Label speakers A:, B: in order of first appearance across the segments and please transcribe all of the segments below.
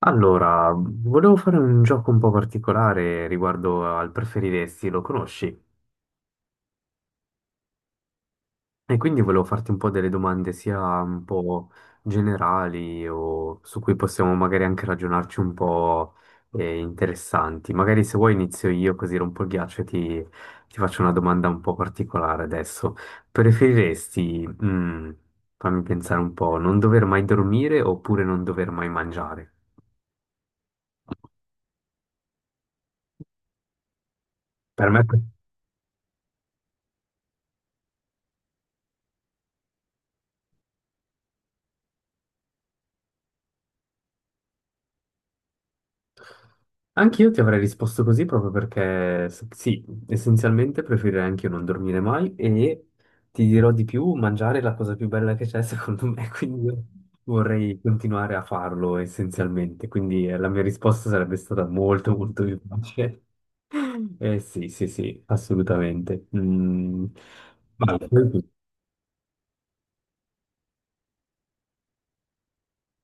A: Allora, volevo fare un gioco un po' particolare riguardo al preferiresti, lo conosci? E quindi volevo farti un po' delle domande sia un po' generali o su cui possiamo magari anche ragionarci un po', interessanti. Magari se vuoi inizio io così rompo il ghiaccio e ti faccio una domanda un po' particolare adesso. Preferiresti, fammi pensare un po', non dover mai dormire oppure non dover mai mangiare? Per me... Anch'io ti avrei risposto così proprio perché sì, essenzialmente preferirei anche io non dormire mai e ti dirò di più, mangiare è la cosa più bella che c'è secondo me, quindi io vorrei continuare a farlo essenzialmente, quindi la mia risposta sarebbe stata molto molto più facile. Eh sì, sì, sì, assolutamente. Mm, vai, poi tu.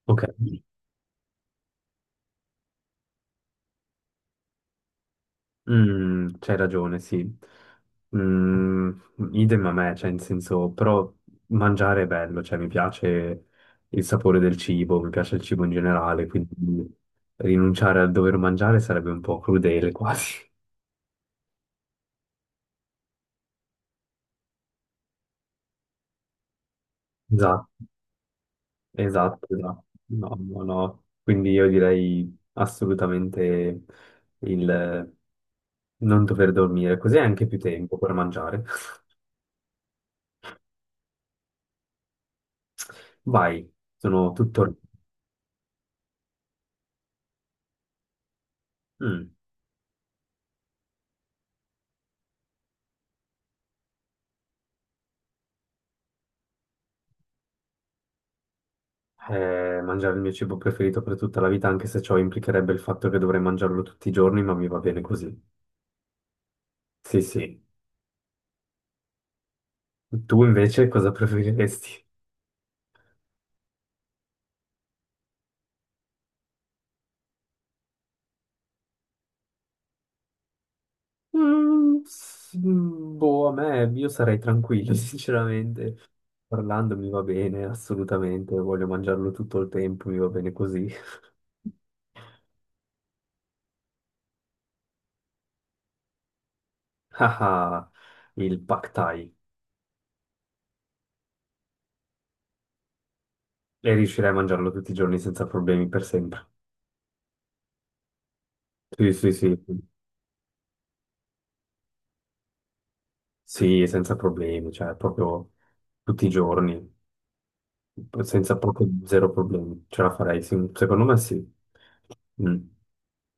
A: Ok. Mm, c'hai ragione, sì. Mm, Idem a me, cioè, in senso, però mangiare è bello, cioè, mi piace il sapore del cibo, mi piace il cibo in generale, quindi rinunciare al dover mangiare sarebbe un po' crudele quasi. Esatto, esatto, esatto. No, no, no. Quindi io direi assolutamente il non dover dormire, così hai anche più tempo per mangiare. Vai, sono tutto... Mm. Mangiare il mio cibo preferito per tutta la vita, anche se ciò implicherebbe il fatto che dovrei mangiarlo tutti i giorni, ma mi va bene così. Sì, sì. Tu invece cosa preferiresti? Boh, a me io sarei tranquillo, sinceramente. Parlando mi va bene, assolutamente. Voglio mangiarlo tutto il tempo, mi va bene così. Ah, ah, il Pad Thai. E riuscirei a mangiarlo tutti i giorni senza problemi per sempre. Sì, sì, sì. Sì, senza problemi, cioè proprio tutti i giorni, senza proprio zero problemi, ce la farei, sì, secondo me sì. Mm.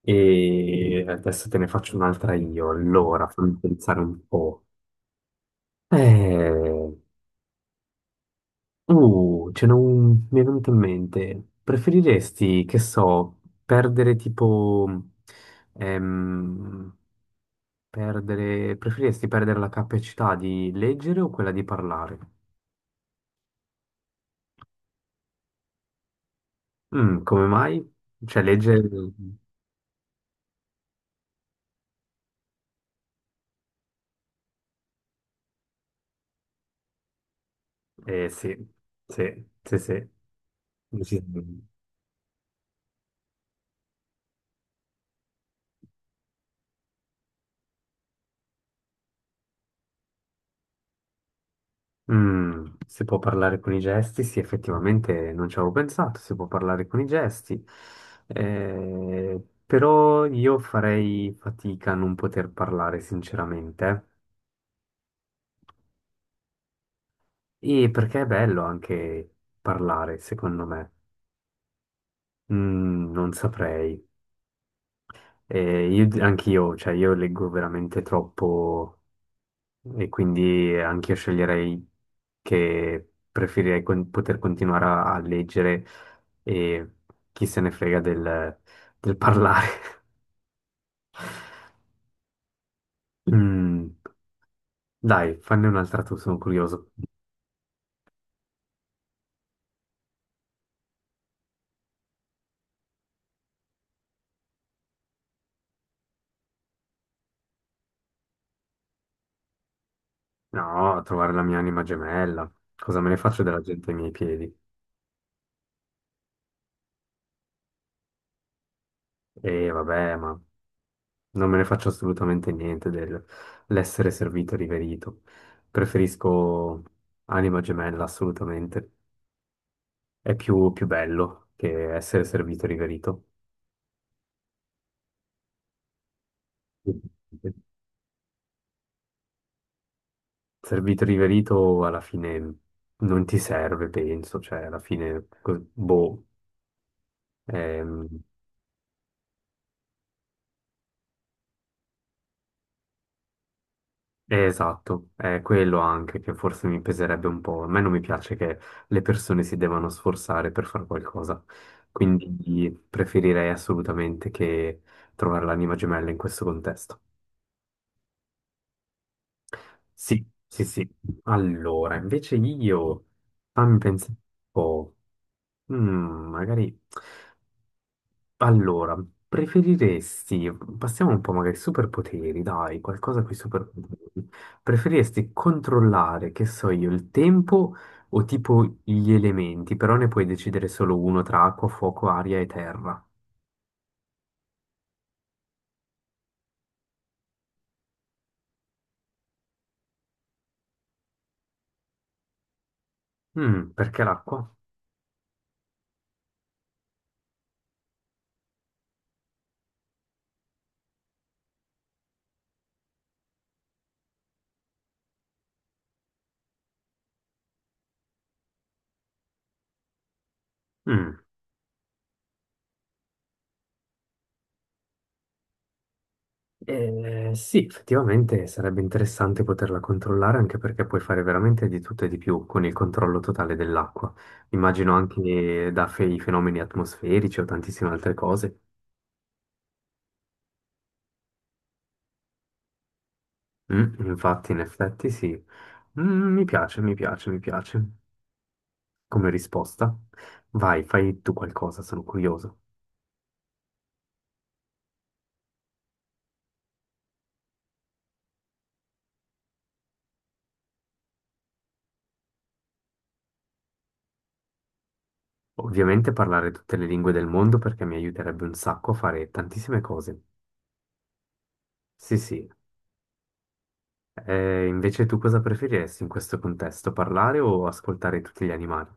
A: E adesso te ne faccio un'altra io, allora fammi pensare un po'. Eh, ce mi è venuto in mente, preferiresti, che so, ehm, preferiresti perdere la capacità di leggere o quella di parlare? Mm, come mai? Cioè, legge... Eh sì, sì, sì, sì. Decisamente. Mm, si può parlare con i gesti? Sì, effettivamente non ci avevo pensato, si può parlare con i gesti. Eh, però io farei fatica a non poter parlare, sinceramente. E perché è bello anche parlare, secondo me. Mm, non saprei. Anche io, cioè, io leggo veramente troppo... E quindi anche io sceglierei che preferirei poter continuare a leggere e chi se ne frega del parlare. Mm, dai, fanne un'altra tu, sono curioso. No, trovare la mia anima gemella. Cosa me ne faccio della gente ai miei piedi? E vabbè, ma non me ne faccio assolutamente niente dell'essere servito e riverito. Preferisco anima gemella, assolutamente. È più, più bello che essere servito e riverito. Servito e riverito alla fine non ti serve, penso, cioè alla fine, ehm, è, esatto, è quello anche che forse mi peserebbe un po'. A me non mi piace che le persone si devono sforzare per fare qualcosa, quindi preferirei assolutamente che trovare l'anima gemella in questo contesto. Sì, sì, sì. Allora, invece io, fammi pensare un po'. Mm, magari... Allora, preferiresti... Passiamo un po' magari ai superpoteri, dai, qualcosa con i superpoteri. Preferiresti controllare, che so io, il tempo o tipo gli elementi, però ne puoi decidere solo uno tra acqua, fuoco, aria e terra. Mm, perché l'acqua? Mm. Sì, effettivamente sarebbe interessante poterla controllare anche perché puoi fare veramente di tutto e di più con il controllo totale dell'acqua. Immagino anche da i fenomeni atmosferici o tantissime altre cose. Mm, infatti, in effetti, sì. Mm, mi piace, mi piace, mi piace. Come risposta, vai, fai tu qualcosa, sono curioso. Ovviamente parlare tutte le lingue del mondo perché mi aiuterebbe un sacco a fare tantissime cose. Sì, sì. Invece tu cosa preferiresti in questo contesto, parlare o ascoltare tutti gli animali?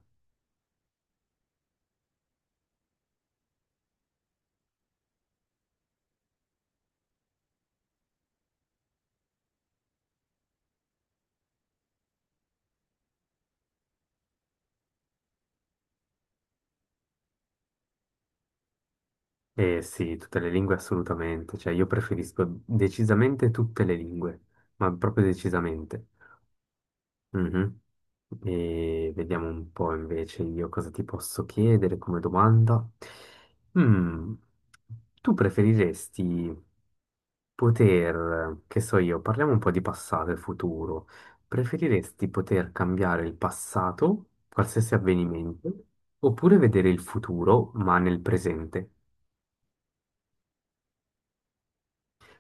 A: Eh sì, tutte le lingue assolutamente, cioè io preferisco decisamente tutte le lingue, ma proprio decisamente. Mhm. E vediamo un po' invece io cosa ti posso chiedere come domanda. Mm, tu preferiresti poter, che so io, parliamo un po' di passato e futuro. Preferiresti poter cambiare il passato, qualsiasi avvenimento, oppure vedere il futuro, ma nel presente?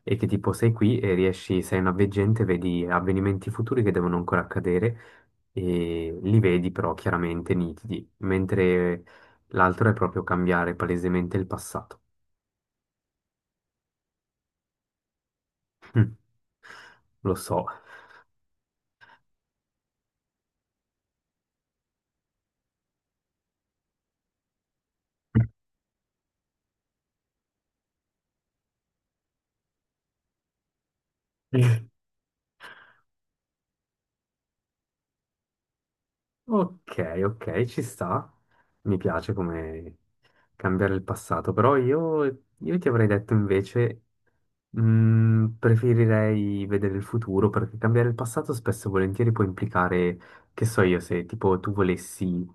A: E che tipo sei qui e riesci, sei una veggente, vedi avvenimenti futuri che devono ancora accadere e li vedi però chiaramente nitidi, mentre l'altro è proprio cambiare palesemente il passato. Lo so. Ok, ok, ci sta. Mi piace come cambiare il passato, però io ti avrei detto invece, preferirei vedere il futuro perché cambiare il passato spesso e volentieri può implicare, che so io, se tipo tu volessi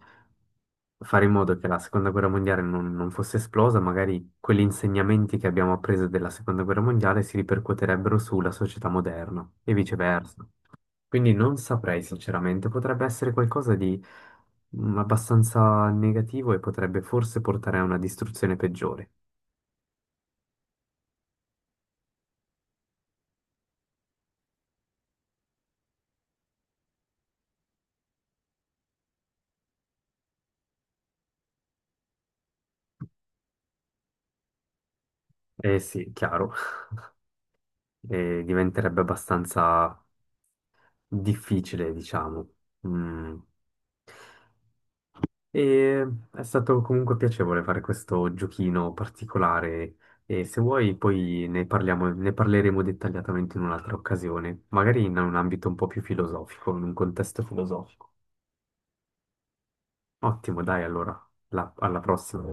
A: fare in modo che la seconda guerra mondiale non fosse esplosa, magari quegli insegnamenti che abbiamo appreso della seconda guerra mondiale si ripercuoterebbero sulla società moderna e viceversa. Quindi non saprei sinceramente, potrebbe essere qualcosa di abbastanza negativo e potrebbe forse portare a una distruzione peggiore. Eh sì, chiaro, e diventerebbe abbastanza difficile, diciamo. Mm. E è stato comunque piacevole fare questo giochino particolare e se vuoi poi ne parleremo dettagliatamente in un'altra occasione, magari in un ambito un po' più filosofico, in un contesto filosofico. Ottimo, dai, allora, alla prossima.